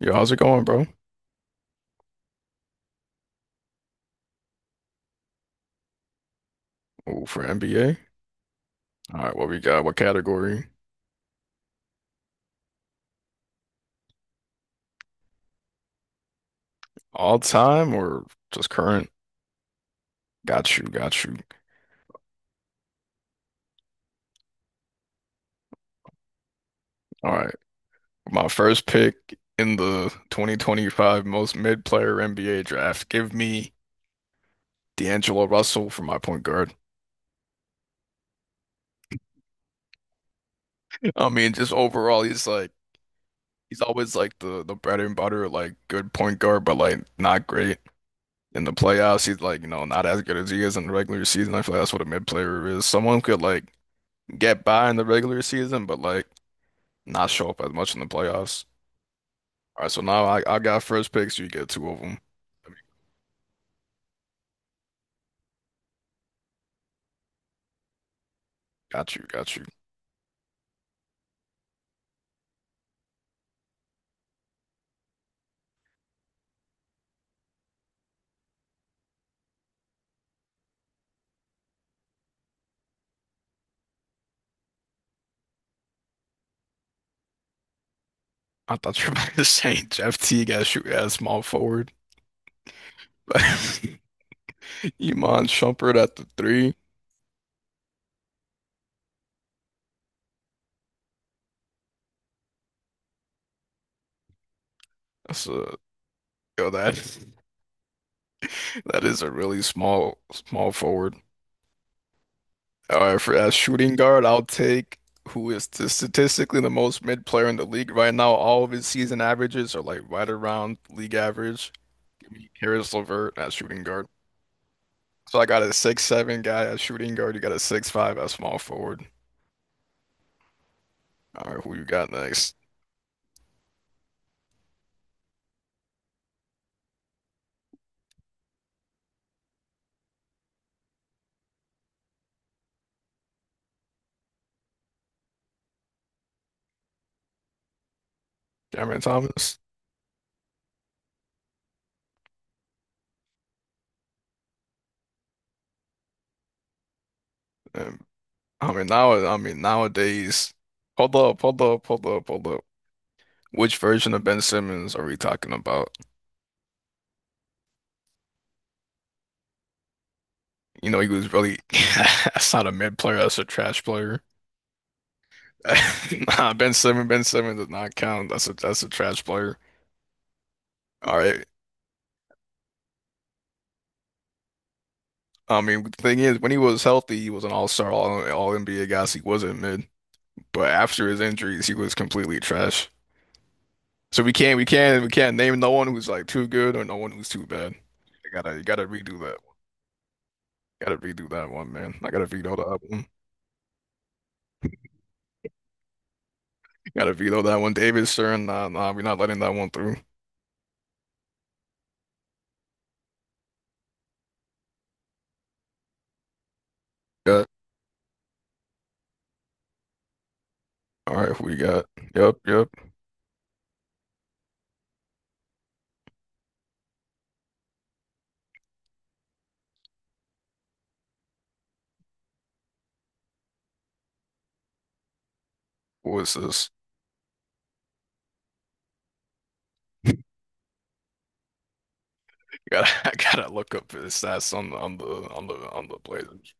Yo, how's it going, bro? Oh, for NBA. All right, what we got? What category? All time or just current? Got you, got you. All right. My first pick in the 2025 most mid player NBA draft. Give me D'Angelo Russell for my point guard. I mean, just overall, he's always like the bread and butter, like good point guard, but like not great in the playoffs. He's like, not as good as he is in the regular season. I feel like that's what a mid player is. Someone could like get by in the regular season, but like not show up as much in the playoffs. All right, so now I got first picks. You get two of them. Got you, got you. I thought you were about to say Jeff Teague as shoot as small forward. Iman Shumpert at the three. That's a Yo, that is a really small forward. All right, for as shooting guard, I'll take who is t statistically the most mid player in the league right now. All of his season averages are like right around league average. Give me Caris LeVert at shooting guard. So I got a 6'7" guy at shooting guard. You got a 6'5" at small forward. All right, who you got next? Cameron Thomas. And, I mean, now, I mean, nowadays. Hold up, hold up, hold up, hold up. Which version of Ben Simmons are we talking about? You know, he was really that's not a mid player. That's a trash player. Nah, Ben Simmons, Ben Simmons does not count. That's a trash player. All right. I mean, the thing is, when he was healthy, he was an all-star, all NBA guy. So he wasn't mid. But after his injuries, he was completely trash. So we can't name no one who's like too good or no one who's too bad. You gotta redo that. Gotta redo that one, man. I gotta veto that one. Gotta veto that one. David Stern, nah, nah, we're not letting that one through. Yeah. All right, who we got? Yep, yep. What is this? I gotta look up his stats on the Blazers.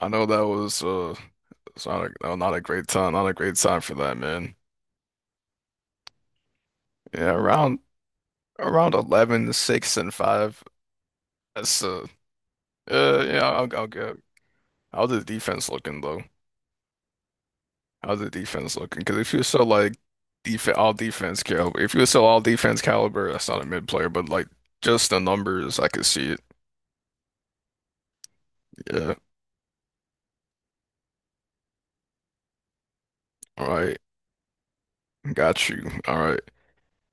I know that was it's not a, no, not a great time, not a great time for that man. Yeah, around 11, 6, and 5. That's yeah, I'll get. How's the defense looking though? How's the defense looking? Because if you are so like def all defense caliber, if you were so all defense caliber, that's not a mid player, but like just the numbers, I could see it. Yeah, all right, got you. All right,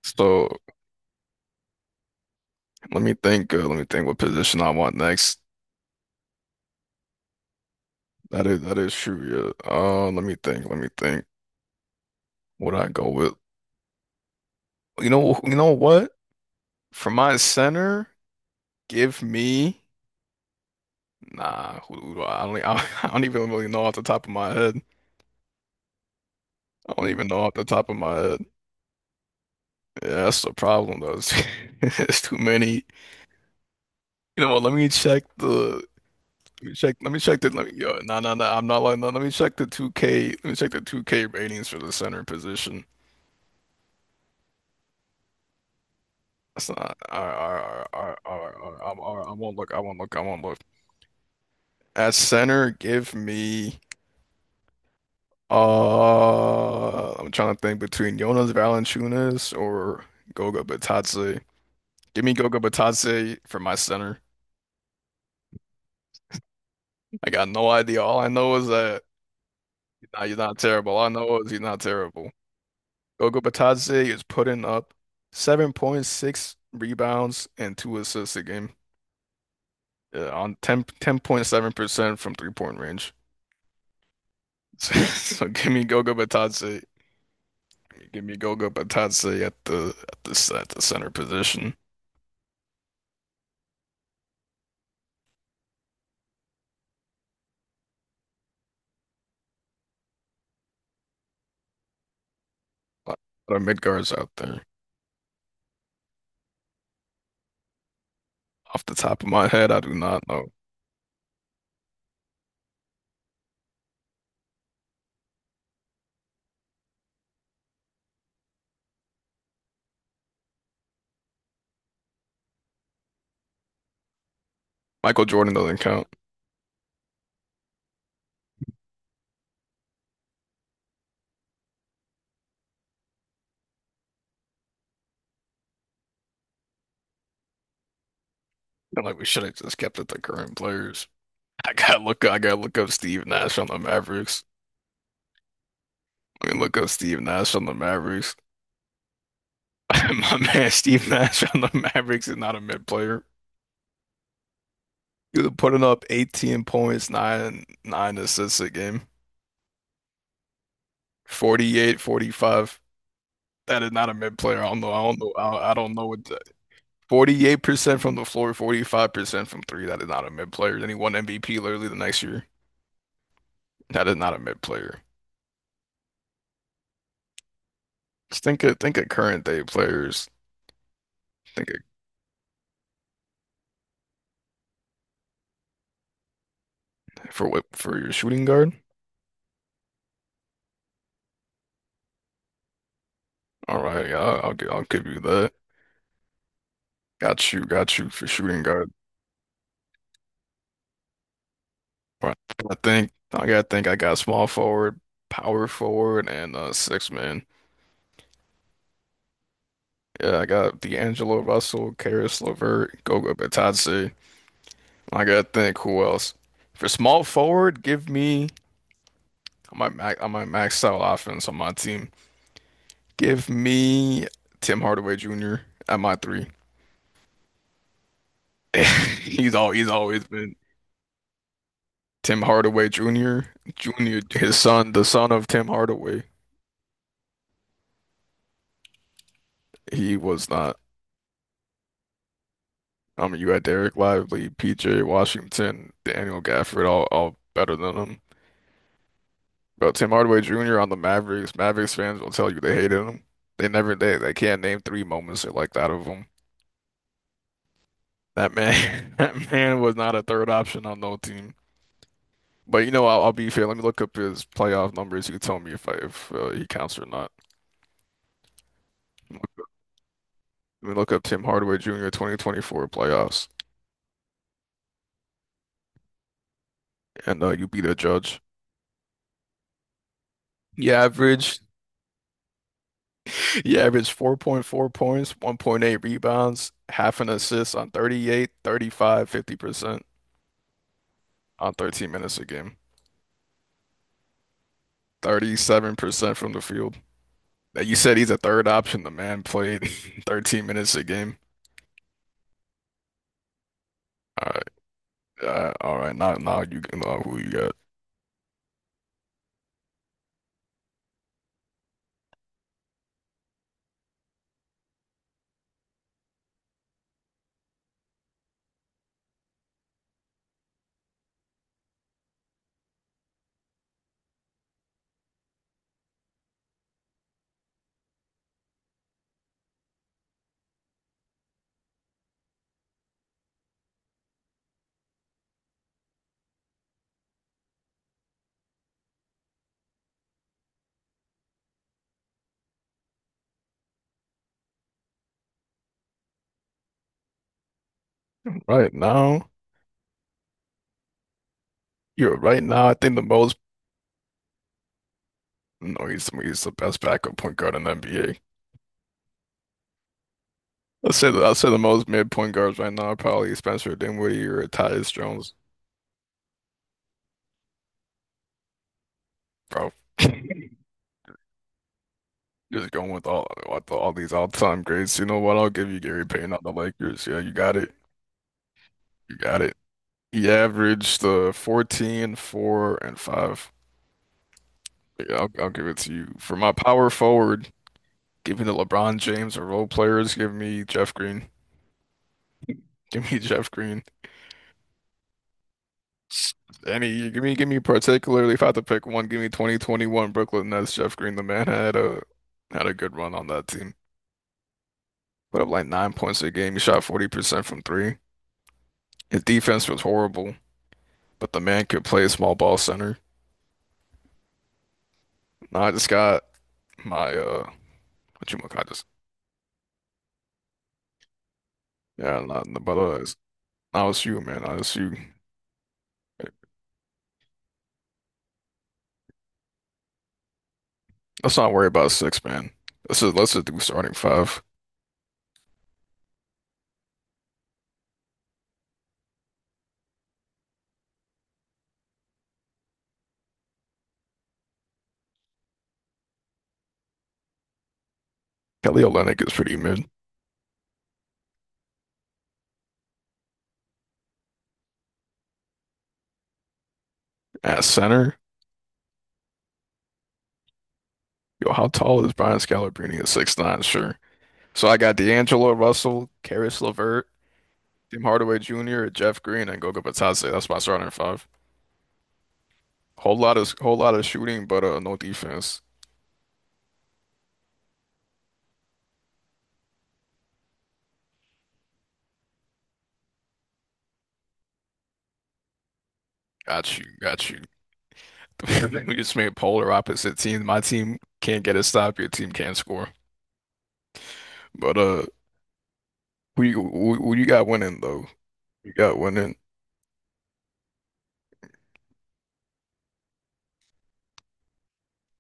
so let me think. Let me think what position I want next. That is true. Yeah. Let me think. Let me think. What I go with? You know. You know what? For my center, give me. Nah, who do I don't, e, I don't even really know off the top of my head. I don't even know off the top of my head. Yeah, that's the problem though. It's, it's too many. You know what? Let me check the. Let me check. Let me check the. Let me. Yo, no, no, no. I'm not like. No, let me check the 2K. Let me check the 2K ratings for the center position. That's not. All right, all right, all right, all right, all right, all right, I won't look. I won't look. I won't look. At center, give me. I'm trying to think between Jonas Valanciunas or Goga Bitadze. Give me Gogo Batase for my center. I got no idea. All I know is that, nah, he's not terrible. All I know is he's not terrible. Gogo Batase is putting up 7.6 rebounds and two assists a game, on 10, 10.7% from three-point range. So give me Gogo Batase. Give me Gogo Batase at the center position. A lot of mid guards out there. Off the top of my head, I do not know. Michael Jordan doesn't count. Like, we should have just kept it the current players. I gotta look. I gotta look up Steve Nash on the Mavericks. I mean, look up Steve Nash on the Mavericks. My man, Steve Nash on the Mavericks is not a mid player. He was putting up 18 points, nine assists a game, 48, 45. That is not a mid player. I don't know. I don't know. I don't know what that. 48% from the floor, 45% from three. That is not a mid player. Then he won MVP literally the next year. That is not a mid player. Just think of current day players. Think of, for your shooting guard. Alright, yeah, I'll give you that. Got you for shooting guard. But I think I gotta think I got small forward, power forward, and six man. Yeah, I got D'Angelo Russell, Caris LeVert, Goga Bitadze. I gotta think who else. For small forward, give me. I might max out offense on my team. Give me Tim Hardaway Jr. at my three. He's always been Tim Hardaway Jr. His son, the son of Tim Hardaway. He was not. I mean, you had Derek Lively, PJ Washington, Daniel Gafford, all better than him. But Tim Hardaway Jr. on the Mavericks, Mavericks fans will tell you they hated him. They never they they can't name three moments like that of him. That man, that man was not a third option on no team. But, you know, I'll be fair. Let me look up his playoff numbers. You can tell me if he counts or not. Let me look up Tim Hardaway Jr. 2024 playoffs, and you be the judge. He averaged He averaged 4.4 points, 1.8 rebounds, half an assist on 38, 35, 50% on 13 minutes a game. 37% from the field. Now, you said he's a third option. The man played 13 minutes a game. All right, all right. Now you can know who you got. Right now, you're right now. I think the most. No, he's the best backup point guard in the NBA. I'll say the most mid point guards right now are probably Spencer Dinwiddie or Tyus Jones, bro. Just going with all these all-time greats. You know what? I'll give you Gary Payton on the Lakers. Yeah, you got it. You got it. He averaged 14, 4, and 5. Yeah, I'll give it to you. For my power forward, give me the LeBron James or role players. Give me Jeff Green. Give me Jeff Green. Give me particularly, if I had to pick one, give me 2021 Brooklyn Nets. Jeff Green, the man had a good run on that team. Put up like 9 points a game. He shot 40% from three. His defense was horrible. But the man could play small ball center. No, I just got my what, you, I just, yeah, not, but it's LSU, man. LSU. Let's not worry about six, man. Let's just do starting five. Kelly Olynyk is pretty mid. At center, yo, how tall is Brian Scalabrine at 6'9"? Sure. So I got D'Angelo Russell, Caris LeVert, Tim Hardaway Jr., Jeff Green, and Goga Batadze. That's my starting five. Whole lot of shooting, but no defense. Got you, got you. We just made polar opposite teams. My team can't get a stop. Your team can't score. But who you got winning though? You got winning.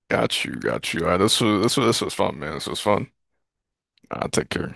Got you, got you. All right, this was fun, man. This was fun. I'll take care.